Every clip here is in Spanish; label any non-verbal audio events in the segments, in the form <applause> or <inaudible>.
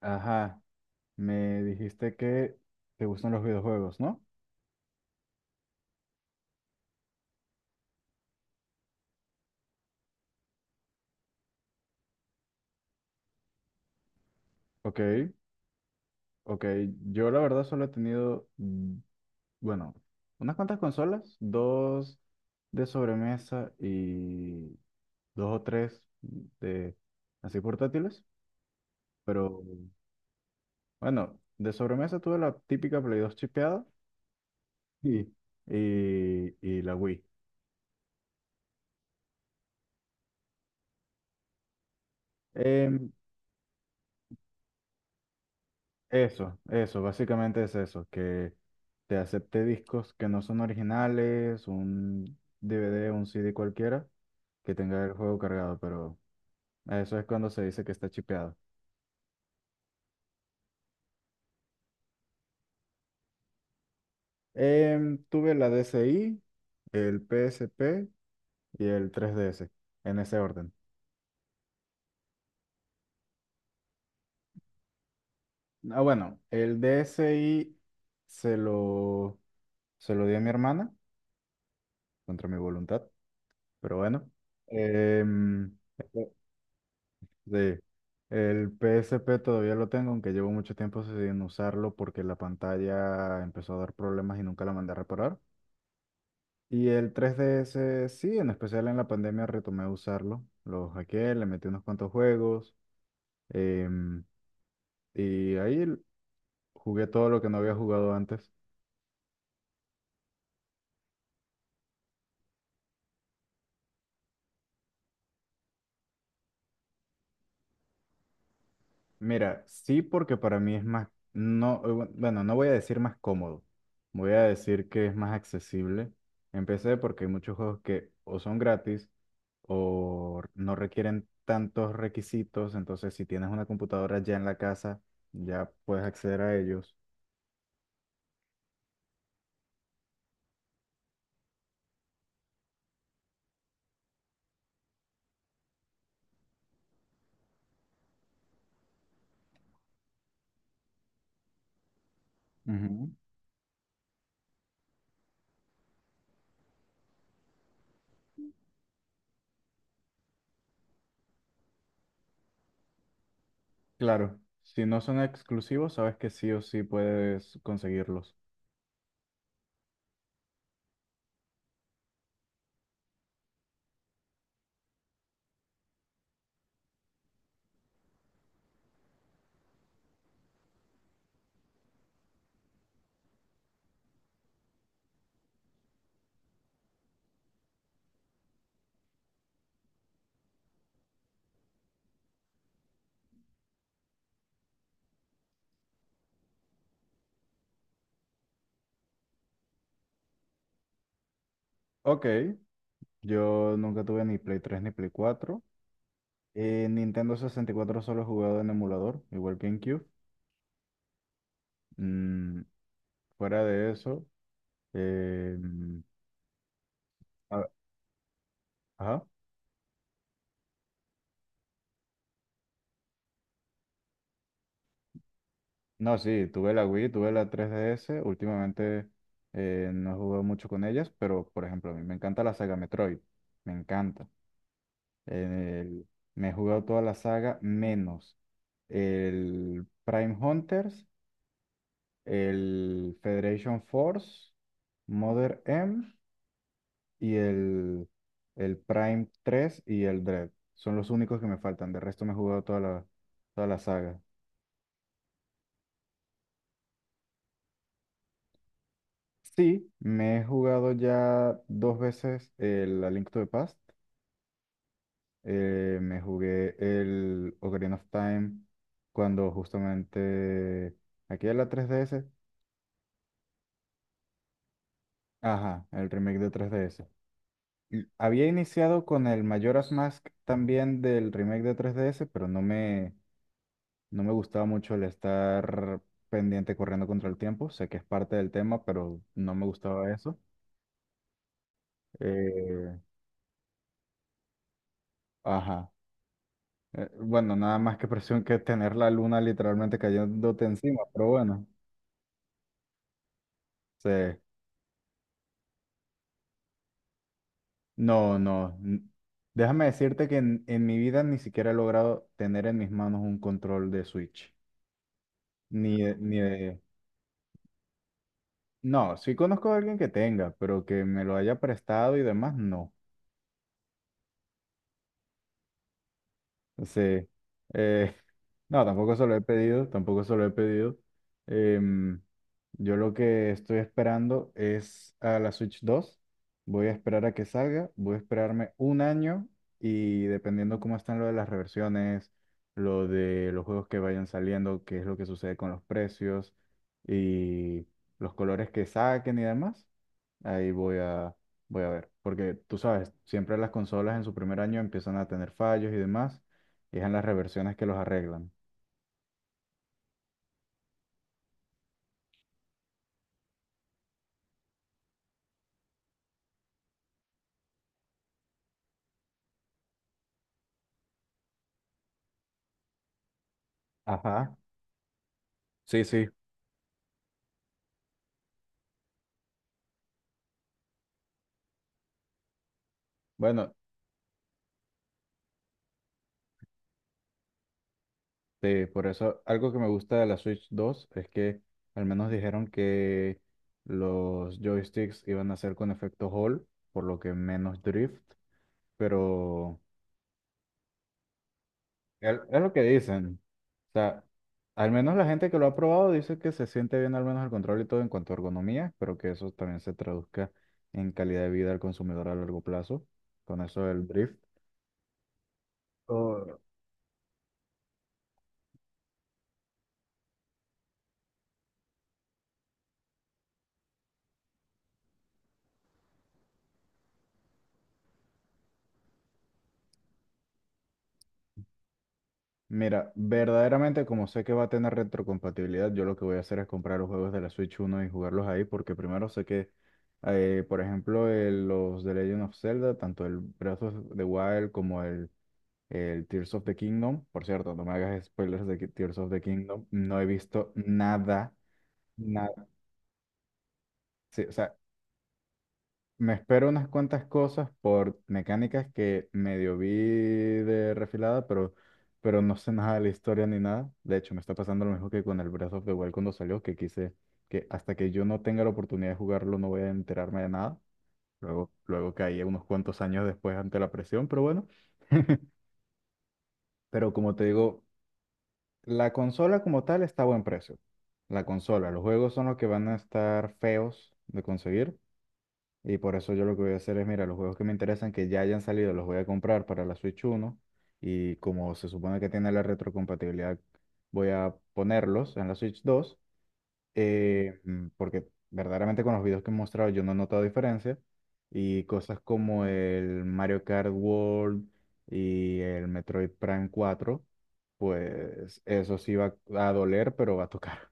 Ajá, me dijiste que te gustan los videojuegos, ¿no? Ok, ok. Yo la verdad solo he tenido, bueno, unas cuantas consolas, dos de sobremesa y dos o tres de así portátiles, pero bueno, de sobremesa tuve la típica Play 2 chipeada y, y la Wii. Em, Eso, eso, básicamente es eso, que te acepte discos que no son originales, un DVD, un CD cualquiera, que tenga el juego cargado, pero eso es cuando se dice que está chipeado. Tuve la DSi, el PSP y el 3DS, en ese orden. Ah, bueno, el DSi se lo, se lo di a mi hermana, contra mi voluntad, pero bueno. Em, Sí, el PSP todavía lo tengo, aunque llevo mucho tiempo sin usarlo porque la pantalla empezó a dar problemas y nunca la mandé a reparar. Y el 3DS, sí, en especial en la pandemia retomé a usarlo. Lo hackeé, le metí unos cuantos juegos em, y ahí l- jugué todo lo que no había jugado antes. Mira, sí, porque para mí es más, no, bueno, no voy a decir más cómodo, voy a decir que es más accesible. Empecé porque hay muchos juegos que o son gratis o no requieren tantos requisitos, entonces si tienes una computadora ya en la casa, ya puedes acceder a ellos. Ujú. Claro, si no son exclusivos, sabes que sí o sí puedes conseguirlos. Ok, yo nunca tuve ni Play 3 ni Play 4. Nintendo 64 solo he jugado en emulador, igual que en Cube. Mm, fuera de eso, eh, mm, a- ajá. No, sí, tuve la Wii, tuve la 3DS. Últimamente no he jugado mucho con ellas, pero por ejemplo, a mí me encanta la saga Metroid. Me encanta. El- Me he jugado toda la saga menos el Prime Hunters, el Federation Force, Mother M. y el Prime 3 y el Dread. Son los únicos que me faltan. De resto me he jugado toda la saga. Sí, me he jugado ya dos veces el A Link to the Past. Me jugué el Ocarina of Time cuando justamente... Aquí en la 3DS. Ajá, el remake de 3DS. Y Había iniciado con el Majora's Mask también del remake de 3DS, no me gustaba mucho el estar pendiente corriendo contra el tiempo. Sé que es parte del tema, pero no me gustaba eso. Eh, ajá. Bueno, nada más que presión que tener la luna literalmente cayéndote encima, pero bueno. Sí. No, no. Déjame decirte que en mi vida ni siquiera he logrado tener en mis manos un control de Switch. Ni de, ni de... No, sí conozco a alguien que tenga, pero que me lo haya prestado y demás, no. Sí. Eh, <laughs> no, tampoco se lo he pedido, tampoco se lo he pedido. Em, yo lo que estoy esperando es a la Switch dos. Voy a esperar a que salga, voy a esperarme un año y dependiendo cómo están lo de las reversiones, lo de los juegos que vayan saliendo, qué es lo que sucede con los precios y los colores que saquen y demás. Ahí voy a, voy a ver, porque tú sabes, siempre las consolas en su primer año empiezan a tener fallos y demás, y es en las reversiones que los arreglan. Ajá. Sí, sí. Bueno, sí, por eso algo que me gusta de la Switch 2 es que al menos dijeron que los joysticks iban a ser con efecto Hall, por lo que menos drift, pero es lo que dicen. O sea, al menos la gente que lo ha probado dice que se siente bien al menos el control y todo en cuanto a ergonomía, pero que eso también se traduzca en calidad de vida al consumidor a largo plazo, con eso del drift. Oh, mira, verdaderamente como sé que va a tener retrocompatibilidad, yo lo que voy a hacer es comprar los juegos de la Switch uno y jugarlos ahí, porque primero sé que, por ejemplo, los de Legend of Zelda, tanto el Breath of the Wild como el Tears of the Kingdom. Por cierto, no me hagas spoilers de que Tears of the Kingdom. No he visto nada, nada. Sí, o sea, me espero unas cuantas cosas por mecánicas que medio vi de refilada, pero no sé nada de la historia ni nada. De hecho, me está pasando lo mismo que con el Breath of the Wild cuando salió, que quise que hasta que yo no tenga la oportunidad de jugarlo no voy a enterarme de nada. Luego, luego caí unos cuantos años después ante la presión, pero bueno. Pero como te digo, la consola como tal está a buen precio. La consola, los juegos son los que van a estar feos de conseguir. Y por eso yo lo que voy a hacer es, mira, los juegos que me interesan, que ya hayan salido, los voy a comprar para la Switch uno. Y como se supone que tiene la retrocompatibilidad, voy a ponerlos en la Switch dos, porque verdaderamente con los videos que he mostrado yo no he notado diferencia. Y cosas como el Mario Kart World y el Metroid Prime cuatro pues eso sí va a doler, pero va a tocar.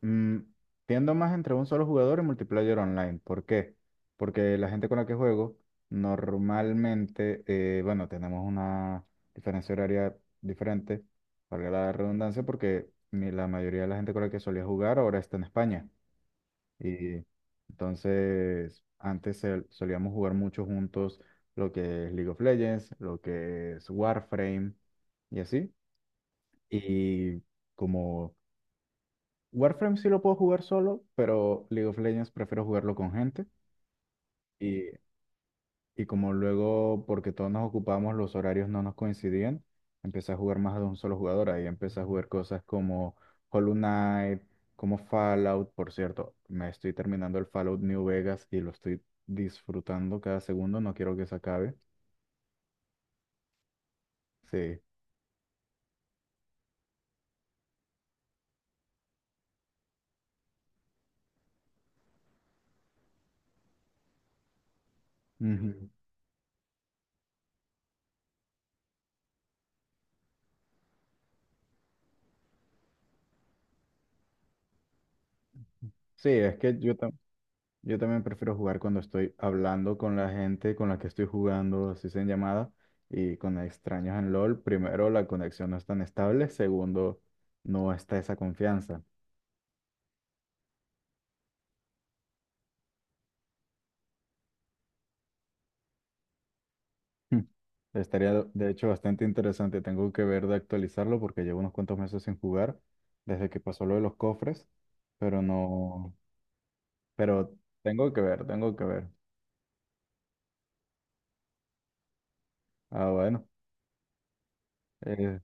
Mm, tiendo más entre un solo jugador y multiplayer online. ¿Por qué? Porque la gente con la que juego, normalmente, bueno, tenemos una diferencia horaria diferente, valga la redundancia, porque la mayoría de la gente con la que solía jugar ahora está en España. Y entonces, antes solíamos jugar mucho juntos lo que es League of Legends, lo que es Warframe y así. Y como Warframe sí lo puedo jugar solo, pero League of Legends prefiero jugarlo con gente. Y, y como luego, porque todos nos ocupamos, los horarios no nos coincidían, empecé a jugar más de un solo jugador. Ahí empecé a jugar cosas como Hollow Knight, como Fallout. Por cierto, me estoy terminando el Fallout New Vegas y lo estoy disfrutando cada segundo. No quiero que se acabe. Sí. Ujú. Sí, es que yo también prefiero jugar cuando estoy hablando con la gente con la que estoy jugando, así sea en llamada, y con extraños en LOL. Primero, la conexión no es tan estable. Segundo, no está esa confianza. Hmm. <laughs> Estaría, de hecho, bastante interesante. Tengo que ver de actualizarlo porque llevo unos cuantos meses sin jugar, desde que pasó lo de los cofres, pero no, pero tengo que ver, tengo que ver. Ah, bueno. Eh,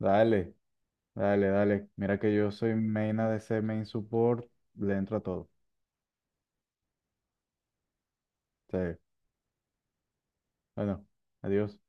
dale, dale, dale. Mira que yo soy main ADC, main support, le entro a todo. Sí. Bueno, adiós.